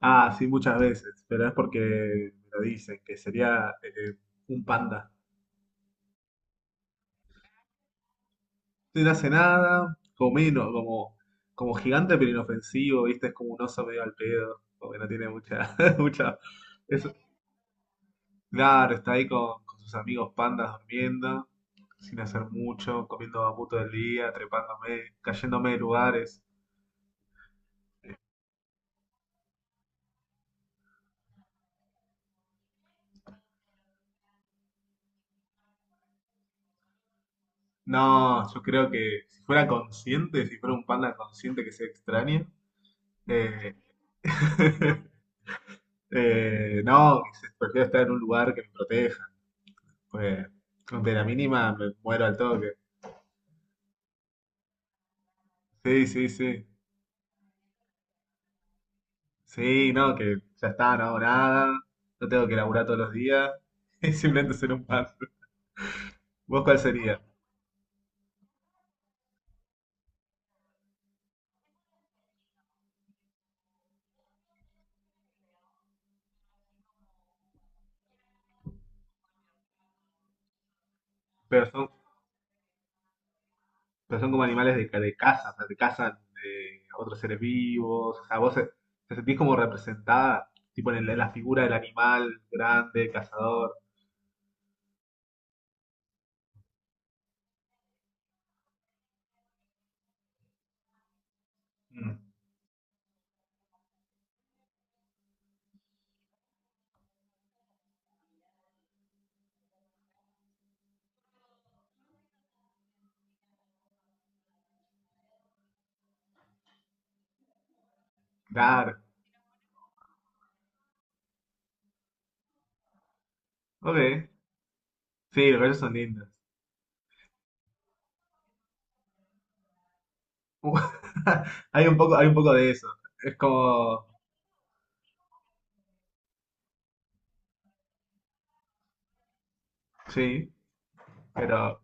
Ah, sí, muchas veces, pero es porque me lo dicen, que sería un panda. No hace nada, como gigante pero inofensivo, ¿viste? Es como un oso medio al pedo, porque no tiene mucha, mucha... es- claro, está ahí con sus amigos pandas durmiendo, sin hacer mucho, comiendo bambuto del día, trepándome, cayéndome de lugares. No, yo creo que si fuera consciente, si fuera un panda consciente que se extraña, eh, no, prefiero estar en un lugar que me proteja. Pues, ante la mínima me muero al toque. Sí, sí, sí. Sí, no, que ya está, no hago nada. No tengo que laburar todos los días. Es simplemente ser un pan. ¿Vos cuál sería? Pero son, pero son como animales de caza, o sea, te cazan otros seres vivos. O sea, te sentís como representada, tipo en la figura del animal grande, cazador. Mm, claro. Ok. Sí, los gallos son lindos. Hay un poco de eso. Es como, sí, pero,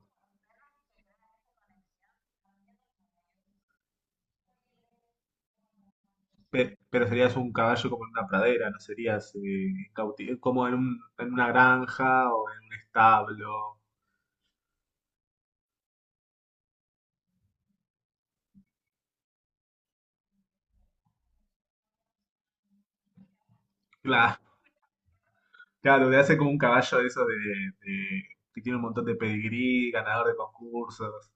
pero serías un caballo como en una pradera, no serías como en en una granja o en un establo. Claro, claro, te hace como un caballo de esos de- que tiene un montón de pedigrí, ganador de concursos.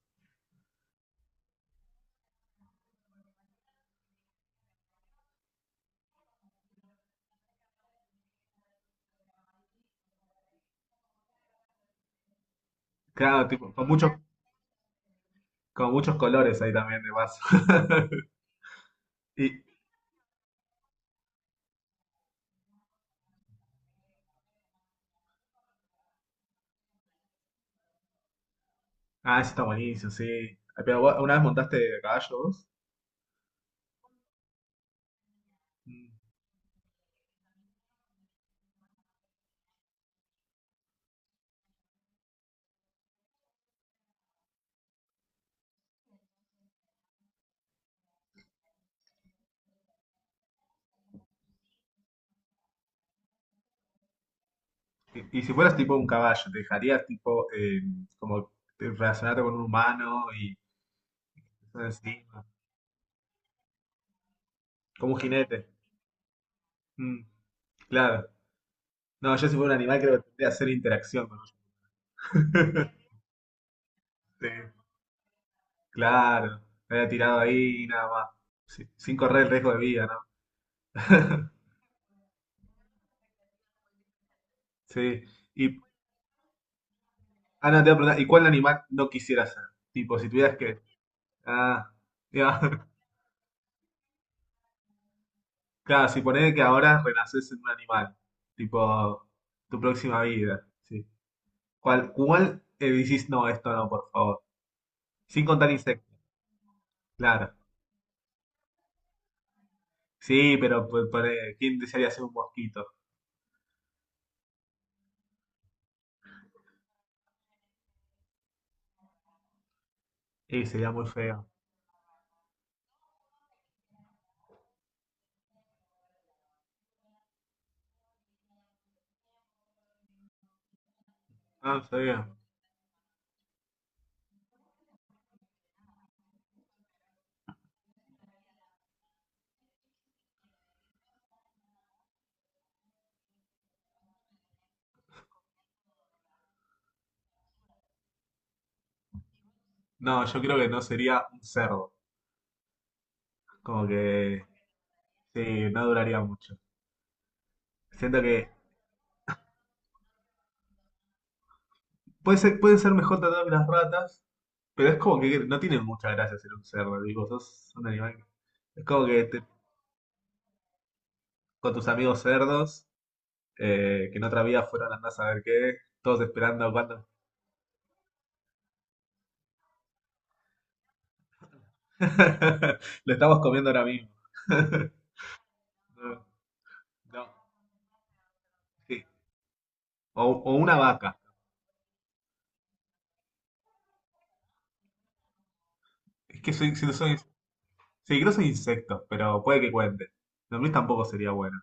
Claro, tipo, con muchos colores ahí también de paso. Y, ah, eso está buenísimo, sí. Pero, ¿vos una vez montaste a caballo vos? Mm. Y si fueras tipo un caballo, ¿te dejarías tipo como relacionarte con un humano y cosas así? Como un jinete. Mm, claro. No, yo si fuera un animal creo que tendría que hacer interacción con un jinete. Claro. Me había tirado ahí y nada más. Sí, sin correr el riesgo de vida, ¿no? Sí. Y, ah, no, te voy a preguntar, ¿y cuál animal no quisieras ser? Tipo, si tuvieras que... Ah, ya. Claro, si ponés que ahora renaces en un animal. Tipo, tu próxima vida. Sí. Cuál decís, no, esto no, por favor? Sin contar insectos, claro. Sí, pero pone, ¿quién desearía ser un mosquito? Y sería muy feo. No, sería. No, yo creo que no sería un cerdo. Como que, sí, no duraría mucho. Siento que puede ser, pueden ser mejor tratados que las ratas, pero es como que no tienen mucha gracia ser un cerdo. Digo, sos un animal. Que- Es como que te- con tus amigos cerdos, que en otra vida fueron andás a ver qué, todos esperando cuándo lo estamos comiendo ahora mismo. No, no, sí. O, o una vaca. Es que soy, si no soy, sí, creo que soy insecto, pero puede que cuente. La mí tampoco sería bueno.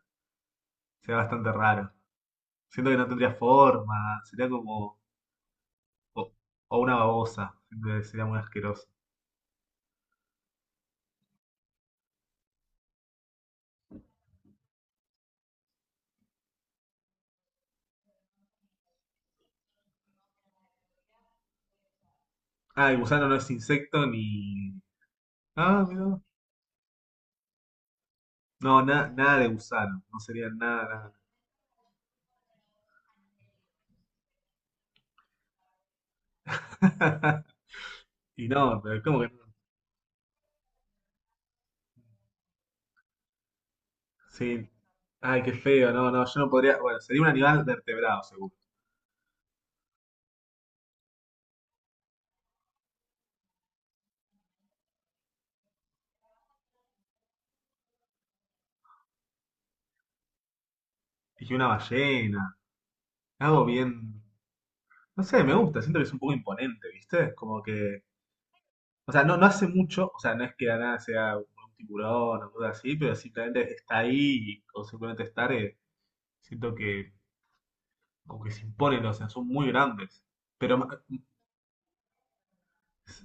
Sería bastante raro. Siento que no tendría forma. Sería como. O, o una babosa. Siento que sería muy asqueroso. Ah, el gusano no es insecto ni. Ah, mira. No, nada de gusano. No sería nada, nada. Y no, pero ¿como que no? Sí. Ay, qué feo. No, no, yo no podría. Bueno, sería un animal vertebrado, seguro. Y una ballena. Algo bien. No sé, me gusta. Siento que es un poco imponente, ¿viste? Como que. O sea, no, no hace mucho. O sea, no es que la nada sea un tiburón o algo así, pero simplemente está ahí y- o simplemente estar. Siento que. Como que se imponen, o sea, son muy grandes. Pero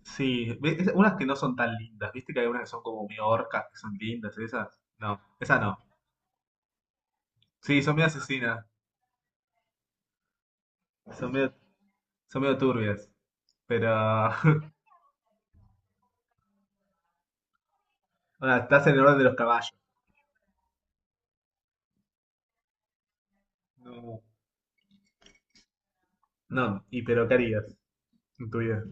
sí, unas que no son tan lindas, ¿viste? Que hay unas que son como medio orcas, que son lindas, esas. No, esas no. Sí, son medio asesinas. Son medio Son medio turbias, pero ah, estás en el orden de los caballos. No, no, y pero ¿qué harías en tu vida?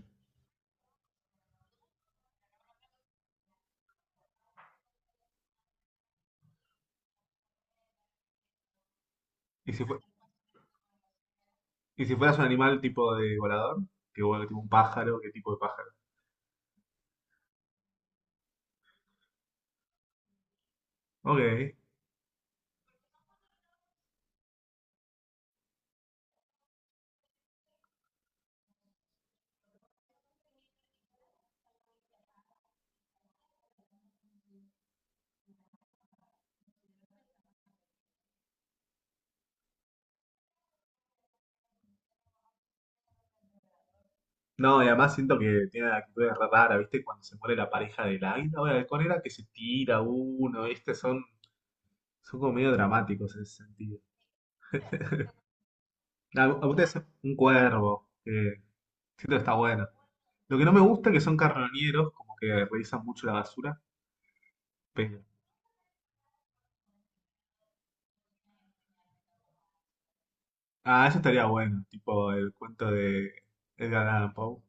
¿Y si, y si fueras un animal tipo de volador? Que vuela tipo un pájaro, ¿qué tipo de pájaro? Ok. No, y además siento que tiene actitudes raras, ¿viste? Cuando se muere la pareja del águila o el halcón era que se tira uno, ¿viste? Son, son como medio dramáticos en ese sentido. A ustedes un cuervo, que siento que está bueno. Lo que no me gusta es que son carroñeros, como que revisan mucho la basura. Ah, eso estaría bueno, tipo el cuento de Edgar Allan Poe.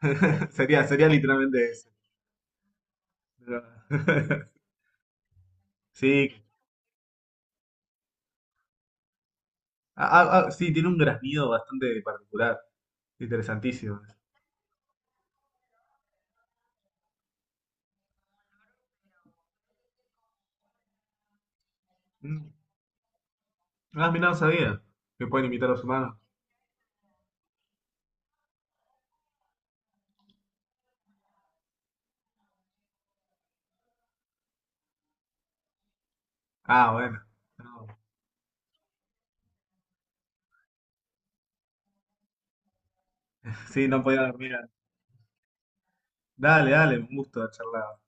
Sería, sería literalmente eso. Pero- Sí, ah, ah, ah, sí, tiene un graznido bastante particular, interesantísimo. Mm, ah, mira, no sabía que pueden imitar a los humanos. Ah, bueno. No. Sí, no podía dormir. Dale, dale, un gusto charlar.